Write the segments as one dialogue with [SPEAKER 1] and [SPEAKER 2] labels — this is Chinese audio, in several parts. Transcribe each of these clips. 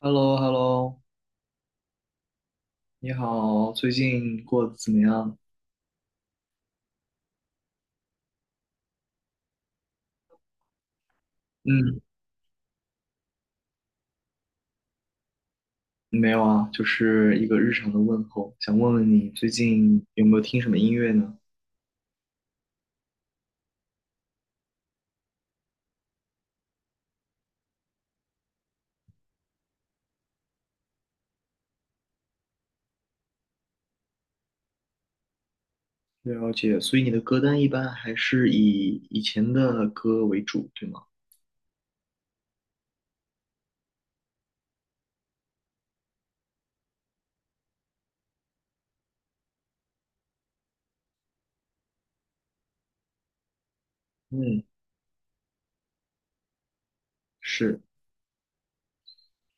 [SPEAKER 1] h e l l o h e l l o 你好，最近过得怎么样？嗯，没有啊，就是一个日常的问候，想问问你最近有没有听什么音乐呢？了解，所以你的歌单一般还是以前的歌为主，对吗？嗯，是。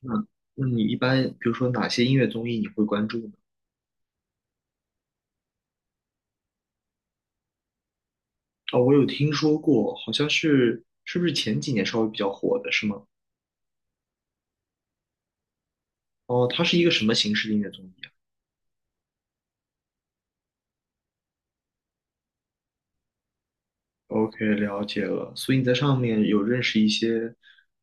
[SPEAKER 1] 那那你一般，比如说哪些音乐综艺你会关注呢？哦，我有听说过，好像是不是前几年稍微比较火的，是吗？哦，它是一个什么形式的音乐综艺啊？OK,了解了。所以你在上面有认识一些，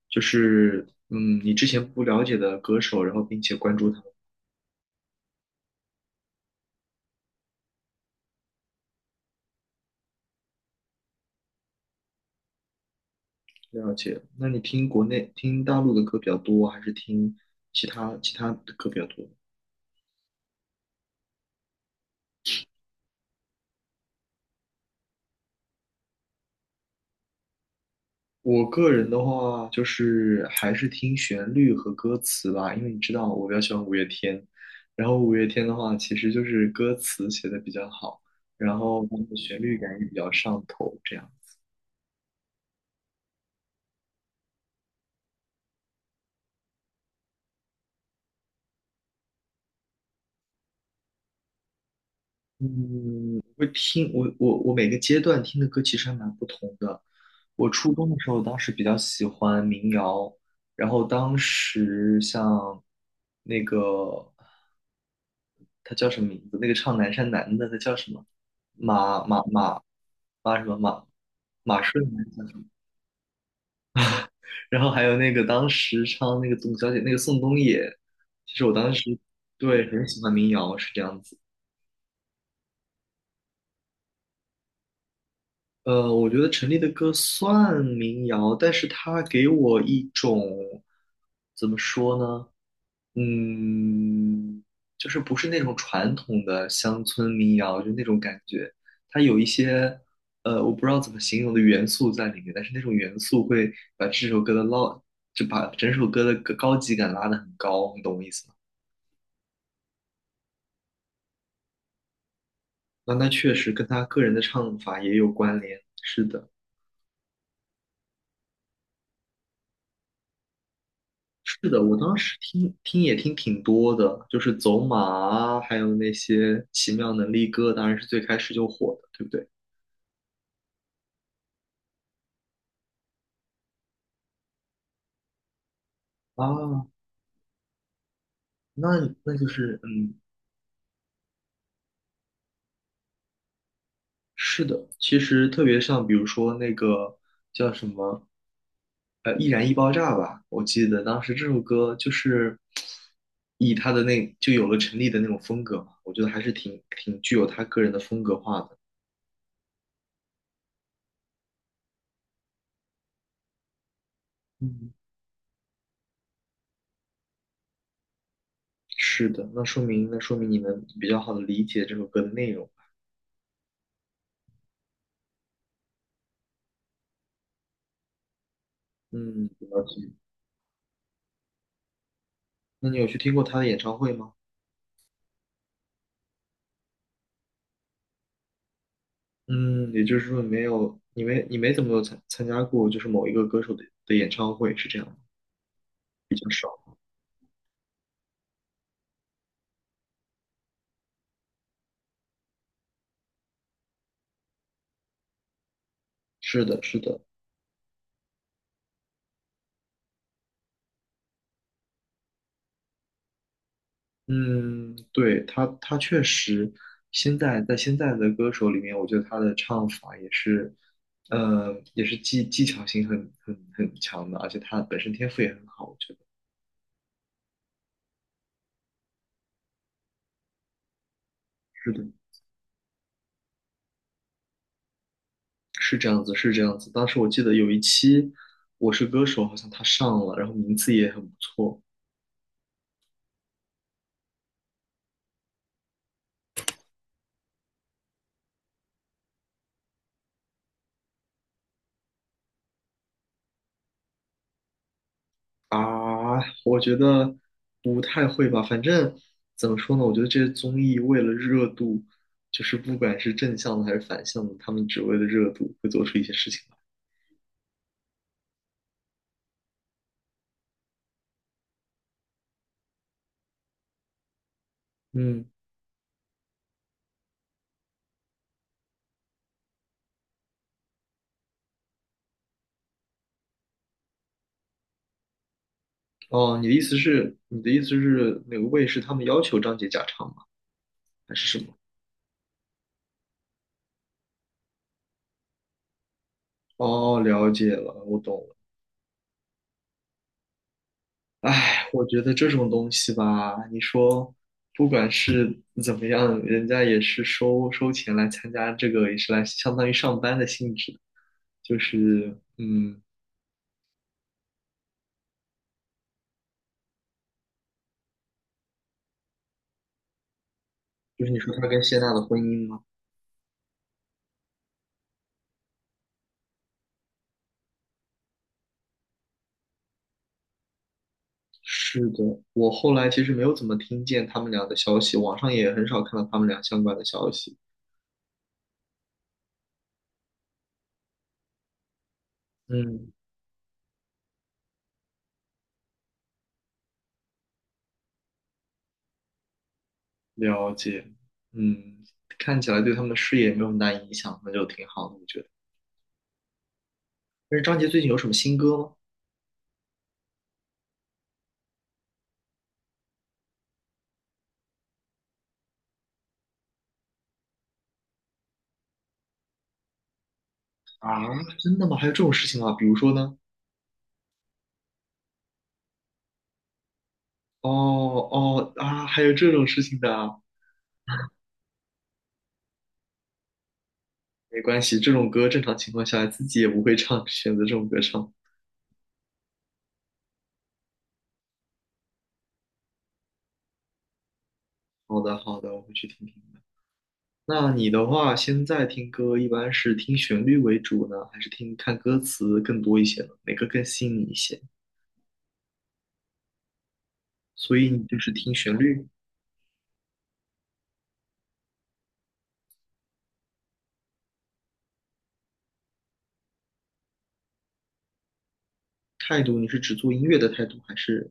[SPEAKER 1] 就是你之前不了解的歌手，然后并且关注他们，了解。那你听国内、听大陆的歌比较多，还是听其他的歌比较多？我个人的话，就是还是听旋律和歌词吧，因为你知道我比较喜欢五月天，然后五月天的话，其实就是歌词写的比较好，然后它的旋律感也比较上头，这样。我听我每个阶段听的歌其实还蛮不同的。我初中的时候，当时比较喜欢民谣，然后当时像那个他叫什么名字？那个唱《南山南》的他叫什么？马马马马什么马马顺还是叫什么。然后还有那个当时唱那个董小姐，那个宋冬野，其实我当时，对，很喜欢民谣是这样子。我觉得陈粒的歌算民谣，但是她给我一种怎么说呢？嗯，就是不是那种传统的乡村民谣，就那种感觉。它有一些我不知道怎么形容的元素在里面，但是那种元素会把这首歌的捞，就把整首歌的高级感拉得很高，你懂我意思吗？那那确实跟他个人的唱法也有关联。是的。是的，我当时听也听挺多的，就是走马啊，还有那些奇妙能力歌，当然是最开始就火的，对不对？啊，那那就是是的，其实特别像比如说那个叫什么《易燃易爆炸》吧，我记得当时这首歌就是以他的那就有了陈粒的那种风格嘛，我觉得还是挺具有他个人的风格化的。嗯，是的，那说明那说明你能比较好的理解这首歌的内容。嗯，了解。那你有去听过他的演唱会吗？嗯，也就是说你没有，你没怎么有参加过，就是某一个歌手的的演唱会，是这样吗？比较少。是的，是的。嗯，对，他确实在现在的歌手里面，我觉得他的唱法也是，也是技巧性很强的，而且他本身天赋也很好，我觉得。是的。是这样子，是这样子。当时我记得有一期《我是歌手》，好像他上了，然后名次也很不错。啊，我觉得不太会吧。反正怎么说呢，我觉得这些综艺为了热度，就是不管是正向的还是反向的，他们只为了热度会做出一些事情来。嗯，哦，你的意思是，你的意思是哪个卫视他们要求张杰假唱吗？还是什么？哦，了解了，我懂了。唉，我觉得这种东西吧，你说不管是怎么样，人家也是收收钱来参加这个，也是来相当于上班的性质，就是就是你说他跟谢娜的婚姻吗？是的，我后来其实没有怎么听见他们俩的消息，网上也很少看到他们俩相关的消息。嗯，了解。嗯，看起来对他们的事业没有很大影响，那就挺好的，我觉得。但是张杰最近有什么新歌吗？啊，真的吗？还有这种事情啊？比如说呢？哦，哦啊，还有这种事情的啊。没关系，这种歌正常情况下自己也不会唱，选择这种歌唱。好的好的，我会去听听的。那你的话，现在听歌一般是听旋律为主呢，还是听看歌词更多一些呢？哪个更吸引你一些？所以你就是听旋律、态度，你是只做音乐的态度，还是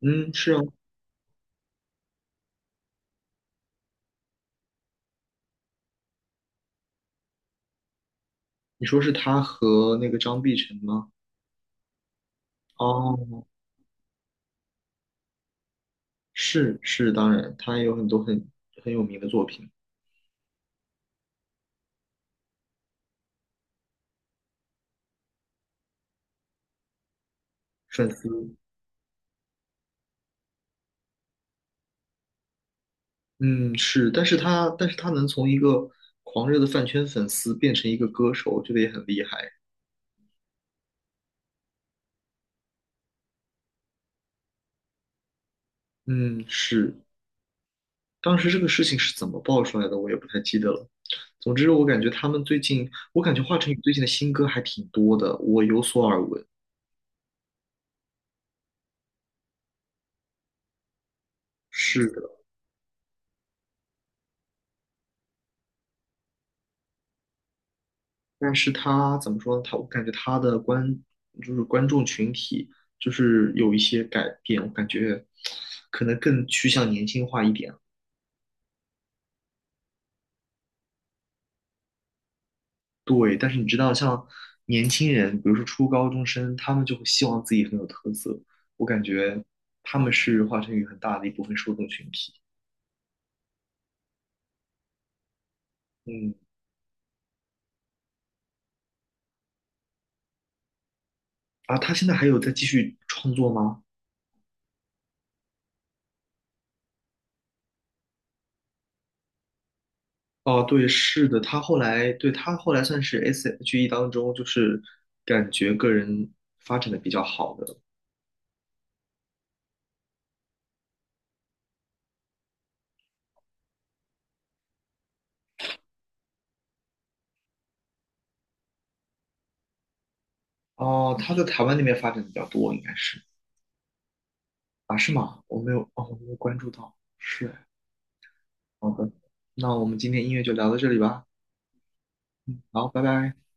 [SPEAKER 1] 嗯是啊？你说是他和那个张碧晨吗？哦，是是，当然，他有很多很有名的作品，粉丝，嗯，是，但是他能从一个狂热的饭圈粉丝变成一个歌手，我觉得也很厉害。嗯，是，当时这个事情是怎么爆出来的，我也不太记得了。总之，我感觉他们最近，我感觉华晨宇最近的新歌还挺多的，我有所耳闻。是，但是他怎么说呢？他我感觉他的观、就是观众群体就是有一些改变，我感觉可能更趋向年轻化一点。对，但是你知道，像年轻人，比如说初高中生，他们就会希望自己很有特色。我感觉他们是华晨宇很大的一部分受众群体。嗯，啊，他现在还有在继续创作吗？哦，对，是的，他后来，对，他后来算是 S.H.E 当中，就是感觉个人发展的比较好的。哦，他在台湾那边发展的比较多，应该是啊，是吗？我没有哦，我没有关注到，是，好的，那我们今天音乐就聊到这里吧，好，拜拜。